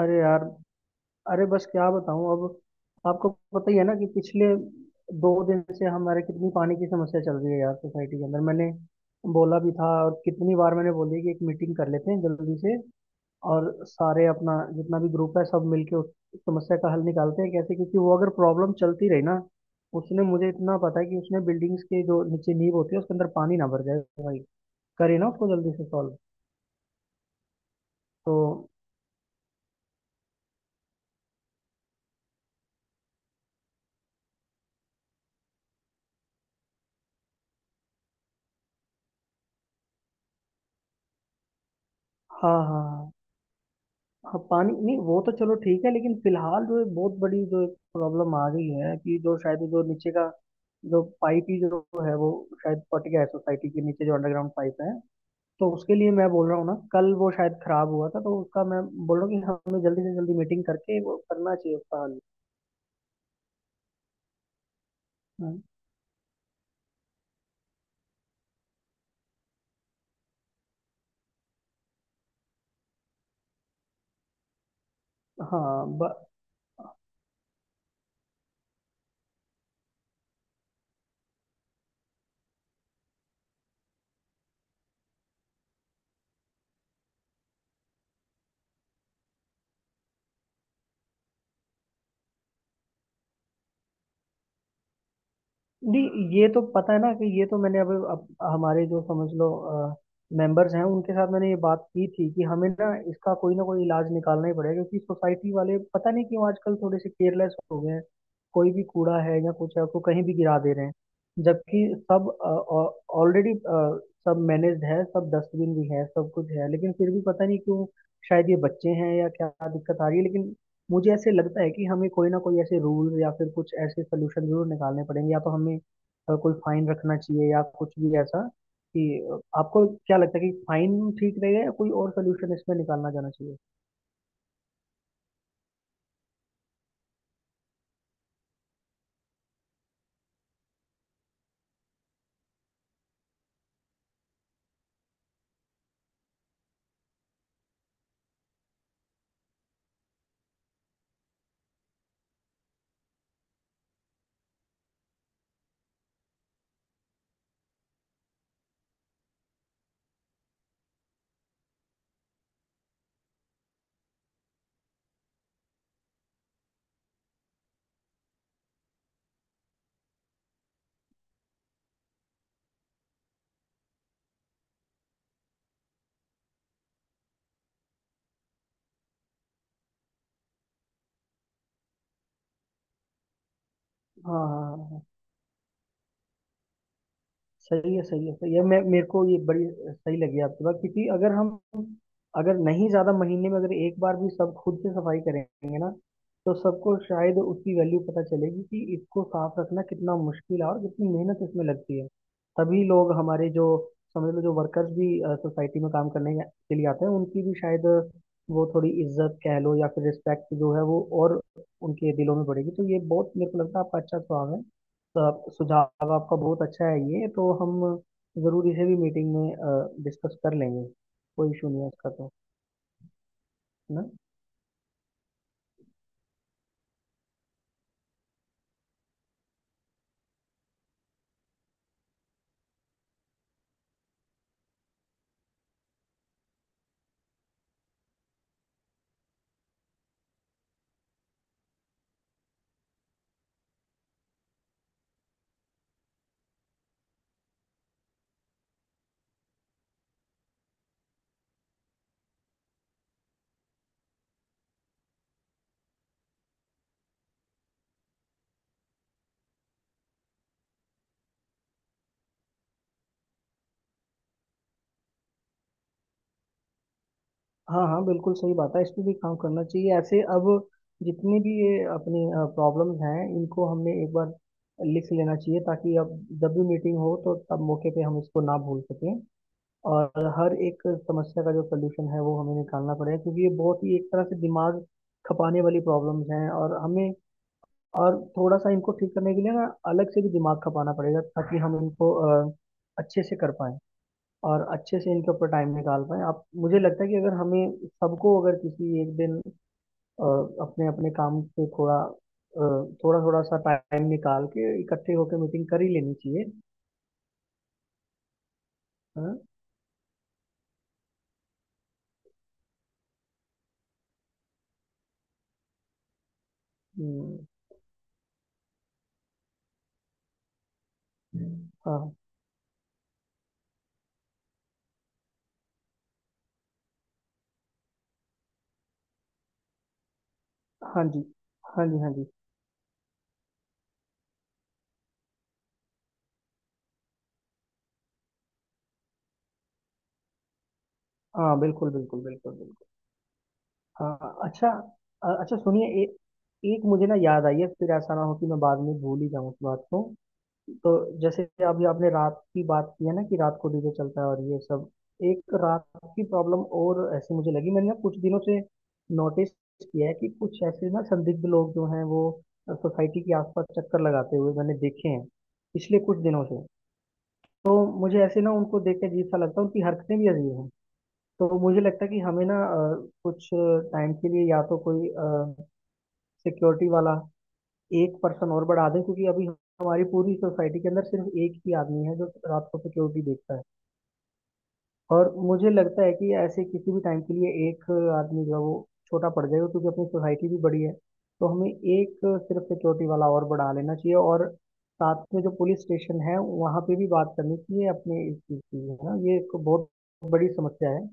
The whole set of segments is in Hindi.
अरे यार, अरे बस क्या बताऊं अब आपको। पता ही है ना कि पिछले दो दिन से हमारे कितनी पानी की समस्या चल रही है यार सोसाइटी के अंदर। मैंने बोला भी था और कितनी बार मैंने बोली कि एक मीटिंग कर लेते हैं जल्दी से और सारे अपना जितना भी ग्रुप है सब मिलके उस समस्या का हल निकालते हैं कैसे, क्योंकि वो अगर प्रॉब्लम चलती रही ना, उसने मुझे इतना पता है कि उसने बिल्डिंग्स के जो नीचे नींव होती है उसके अंदर पानी ना भर जाए भाई, करे ना उसको जल्दी से सॉल्व। तो हाँ हाँ हाँ। हाँ पानी नहीं वो तो चलो ठीक है, लेकिन फिलहाल जो है बहुत बड़ी जो एक प्रॉब्लम आ गई है कि जो शायद जो नीचे का जो पाइप ही जो है वो शायद फट गया है सोसाइटी के नीचे, जो अंडरग्राउंड पाइप है। तो उसके लिए मैं बोल रहा हूँ ना, कल वो शायद खराब हुआ था तो उसका मैं बोल रहा हूँ कि हमें जल्दी से जल्दी मीटिंग करके वो करना चाहिए उसका हल। हम्म। हाँ ब, नहीं ये तो पता है ना कि ये तो मैंने अब हमारे जो समझ लो मेंबर्स हैं उनके साथ मैंने ये बात की थी कि हमें ना इसका कोई ना कोई इलाज निकालना ही पड़ेगा, क्योंकि सोसाइटी वाले पता नहीं क्यों आजकल थोड़े से केयरलेस हो गए हैं। कोई भी कूड़ा है या कुछ है उसको कहीं भी गिरा दे रहे हैं, जबकि सब ऑलरेडी सब मैनेज्ड है, सब डस्टबिन भी है, सब कुछ है, लेकिन फिर भी पता नहीं क्यों, शायद ये बच्चे हैं या क्या दिक्कत आ रही है। लेकिन मुझे ऐसे लगता है कि हमें कोई ना कोई ऐसे रूल या फिर कुछ ऐसे सोल्यूशन जरूर निकालने पड़ेंगे। या तो हमें कोई फाइन रखना चाहिए या कुछ भी ऐसा कि आपको क्या लगता है कि फाइन ठीक रहेगा या कोई और सोल्यूशन इसमें निकालना जाना चाहिए। हाँ हाँ हाँ, सही है सही है सही है। मैं मेरे को ये बड़ी सही लगी आपकी बात, क्योंकि अगर हम, अगर नहीं ज्यादा महीने में अगर एक बार भी सब खुद से सफाई करेंगे ना तो सबको शायद उसकी वैल्यू पता चलेगी कि इसको साफ रखना कितना मुश्किल है और कितनी मेहनत इसमें लगती है। तभी लोग हमारे जो समझ लो जो वर्कर्स भी सोसाइटी में काम करने के लिए आते हैं उनकी भी शायद वो थोड़ी इज्जत कह लो या फिर रिस्पेक्ट जो है वो और उनके दिलों में बढ़ेगी। तो ये बहुत मेरे को लगता है आपका अच्छा सुझाव है। सब सुझाव आपका बहुत अच्छा है, ये तो हम जरूर इसे भी मीटिंग में डिस्कस कर लेंगे, कोई इशू नहीं है इसका तो। है ना। हाँ हाँ, बिल्कुल सही बात है, इस पे भी काम करना चाहिए। ऐसे अब जितनी भी ये अपनी प्रॉब्लम्स हैं, इनको हमने एक बार लिख लेना चाहिए ताकि अब जब भी मीटिंग हो तो तब मौके पे हम इसको ना भूल सकें। और हर एक समस्या का जो सोल्यूशन है वो हमें निकालना पड़ेगा, क्योंकि ये बहुत ही एक तरह से दिमाग खपाने वाली प्रॉब्लम्स हैं, और हमें और थोड़ा सा इनको ठीक करने के लिए ना अलग से भी दिमाग खपाना पड़ेगा ताकि हम इनको अ, अच्छे से कर पाएं और अच्छे से इनके ऊपर टाइम निकाल पाएं। आप, मुझे लगता है कि अगर हमें सबको अगर किसी एक दिन अ, अपने अपने काम से थोड़ा थोड़ा थोड़ा सा टाइम निकाल के इकट्ठे होकर मीटिंग कर ही लेनी चाहिए। हाँ। हम्म। हाँ। हाँ जी हाँ जी हाँ जी। हाँ बिल्कुल बिल्कुल बिल्कुल बिल्कुल। हाँ हाँ, अच्छा, अच्छा सुनिए, एक मुझे ना याद आई है, फिर ऐसा ना हो कि मैं बाद में भूल ही जाऊँ उस बात को। तो जैसे अभी आपने रात की बात की है ना कि रात को डीजे चलता है और ये सब, एक रात की प्रॉब्लम और ऐसी मुझे लगी। मैंने ना कुछ दिनों से नोटिस किया है कि कुछ ऐसे ना संदिग्ध लोग जो हैं वो सोसाइटी के आसपास चक्कर लगाते हुए मैंने देखे हैं पिछले कुछ दिनों से। तो मुझे ऐसे ना उनको देख के अजीब सा लगता है, उनकी हरकतें भी अजीब हैं। तो मुझे लगता है कि हमें ना कुछ टाइम के लिए या तो कोई सिक्योरिटी वाला एक पर्सन और बढ़ा दें, क्योंकि अभी हमारी पूरी सोसाइटी के अंदर सिर्फ एक ही आदमी है जो रात को सिक्योरिटी देखता है। और मुझे लगता है कि ऐसे किसी भी टाइम के लिए एक आदमी जो है वो छोटा पड़ जाएगा, क्योंकि अपनी सोसाइटी भी बड़ी है। तो हमें एक सिर्फ सिक्योरिटी वाला और बढ़ा लेना चाहिए, और साथ में जो पुलिस स्टेशन है वहाँ पे भी बात करनी चाहिए अपने इस चीज़ की। है ना, ये एक बहुत बड़ी समस्या है।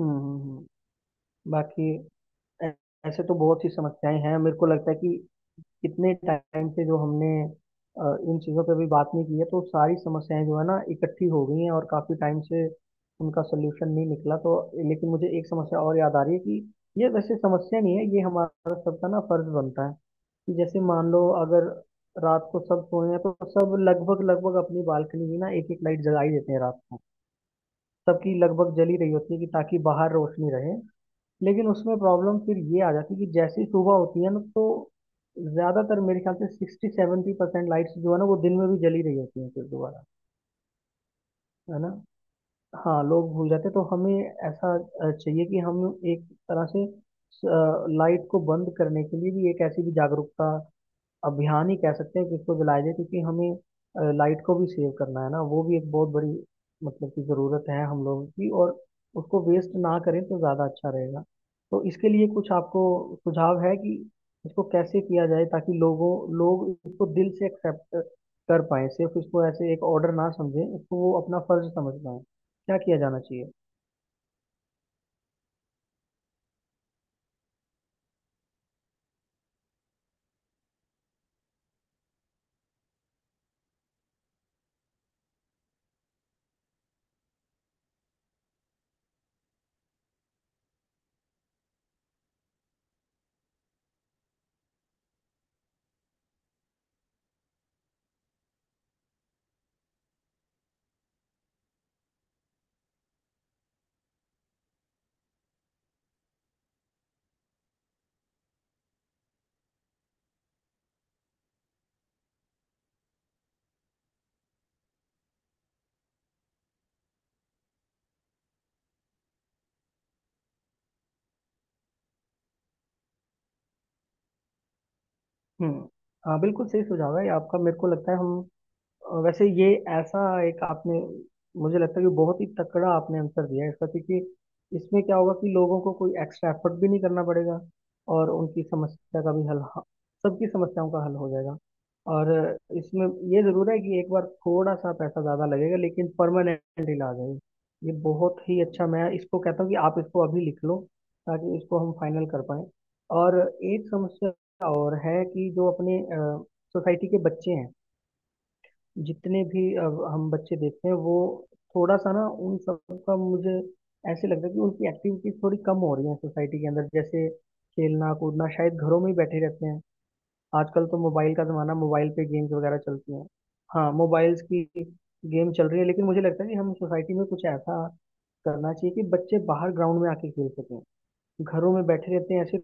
हम्म हम्म, हम्म। बाकी ऐ- ऐसे तो बहुत सी समस्याएं हैं। मेरे को लगता है कि कितने टाइम से जो हमने अ, इन चीज़ों पे भी बात नहीं की है, तो सारी समस्याएं जो है ना इकट्ठी हो गई हैं और काफ़ी टाइम से उनका सोल्यूशन नहीं निकला तो। लेकिन मुझे एक समस्या और याद आ रही है कि ये वैसे समस्या नहीं है, ये हमारा सबका ना फर्ज बनता है कि जैसे मान लो अगर रात को सब सोए हैं तो सब लगभग लगभग अपनी बालकनी में ना एक एक लाइट जला ही देते हैं रात को। सबकी लगभग जली रही होती है कि ताकि बाहर रोशनी रहे, लेकिन उसमें प्रॉब्लम फिर ये आ जाती है कि जैसे ही सुबह होती है ना तो ज्यादातर मेरे ख्याल से 60-70% लाइट्स जो है ना वो दिन में भी जली रही होती हैं फिर दोबारा। है ना। हाँ, लोग भूल जाते हैं। तो हमें ऐसा चाहिए कि हम एक तरह से लाइट को बंद करने के लिए भी एक ऐसी भी जागरूकता अभियान ही कह सकते हैं कि इसको जलाया जाए, क्योंकि हमें लाइट को भी सेव करना है ना, वो भी एक बहुत बड़ी मतलब की ज़रूरत है हम लोगों की, और उसको वेस्ट ना करें तो ज़्यादा अच्छा रहेगा। तो इसके लिए कुछ आपको सुझाव है कि इसको कैसे किया जाए ताकि लोग इसको दिल से एक्सेप्ट कर पाए, सिर्फ इसको ऐसे एक ऑर्डर ना समझें, इसको वो अपना फर्ज समझ पाए। क्या किया जाना चाहिए? हम्म। हाँ बिल्कुल सही सुझाव है ये आपका। मेरे को लगता है हम वैसे ये ऐसा एक आपने, मुझे लगता है कि बहुत ही तकड़ा आपने आंसर दिया है इसका, क्योंकि इसमें क्या होगा कि लोगों को कोई एक्स्ट्रा एफर्ट भी नहीं करना पड़ेगा, और उनकी समस्या का भी हल, सबकी समस्याओं का हल हो जाएगा। और इसमें ये जरूर है कि एक बार थोड़ा सा पैसा ज्यादा लगेगा लेकिन परमानेंट इलाज है ये। ये बहुत ही अच्छा। मैं इसको कहता हूँ कि आप इसको अभी लिख लो ताकि इसको हम फाइनल कर पाए। और एक समस्या और है कि जो अपने सोसाइटी के बच्चे हैं, जितने भी अब हम बच्चे देखते हैं वो थोड़ा सा ना उन सब का मुझे ऐसे लगता है कि उनकी एक्टिविटीज थोड़ी कम हो रही है सोसाइटी के अंदर, जैसे खेलना कूदना, शायद घरों में ही बैठे रहते हैं। आजकल तो मोबाइल का जमाना, मोबाइल पे गेम्स वगैरह चलती हैं। हाँ मोबाइल्स की गेम चल रही है, लेकिन मुझे लगता है कि हम सोसाइटी में कुछ ऐसा करना चाहिए कि बच्चे बाहर ग्राउंड में आके खेल सकें। घरों में बैठे रहते हैं ऐसे,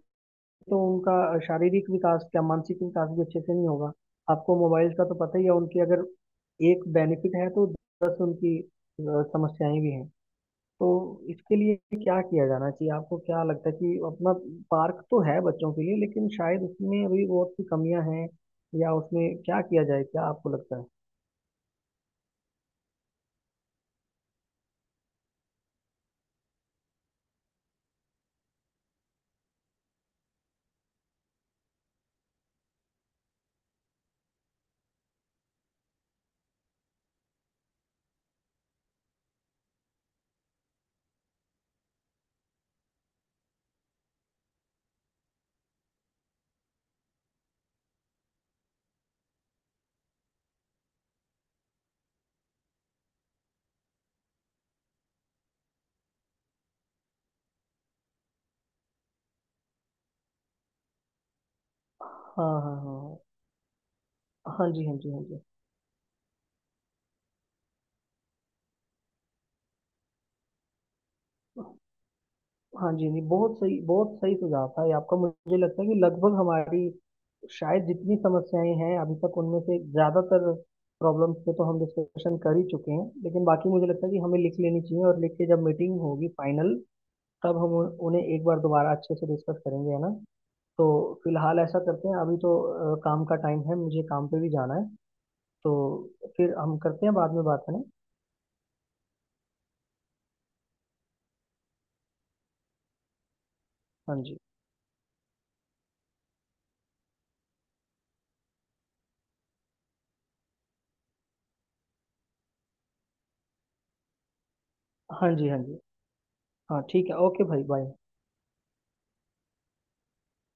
तो उनका शारीरिक विकास क्या मानसिक विकास भी अच्छे से नहीं होगा। आपको मोबाइल का तो पता ही है, उनकी अगर एक बेनिफिट है तो 10 उनकी समस्याएं भी हैं। तो इसके लिए क्या किया जाना चाहिए, आपको क्या लगता है? कि अपना पार्क तो है बच्चों के लिए लेकिन शायद उसमें अभी बहुत सी कमियां हैं, या उसमें क्या किया जाए, क्या आपको लगता है? हाँ हाँ हाँ। हाँ जी हाँ जी हाँ जी। हाँ जी, नहीं बहुत सही, बहुत सही सुझाव था ये आपका। मुझे लगता है कि लगभग हमारी शायद जितनी समस्याएं हैं अभी तक उनमें से ज्यादातर प्रॉब्लम्स पे तो हम डिस्कशन कर ही चुके हैं, लेकिन बाकी मुझे लगता है कि हमें लिख लेनी चाहिए, और लिख के जब मीटिंग होगी फाइनल तब हम उन्हें एक बार दोबारा अच्छे से डिस्कस करेंगे। है ना। तो फिलहाल ऐसा करते हैं, अभी तो काम का टाइम है, मुझे काम पे भी जाना है। तो फिर हम करते हैं बाद में बात, है ना। हाँ जी हाँ जी हाँ जी। हाँ ठीक है, ओके भाई, बाय।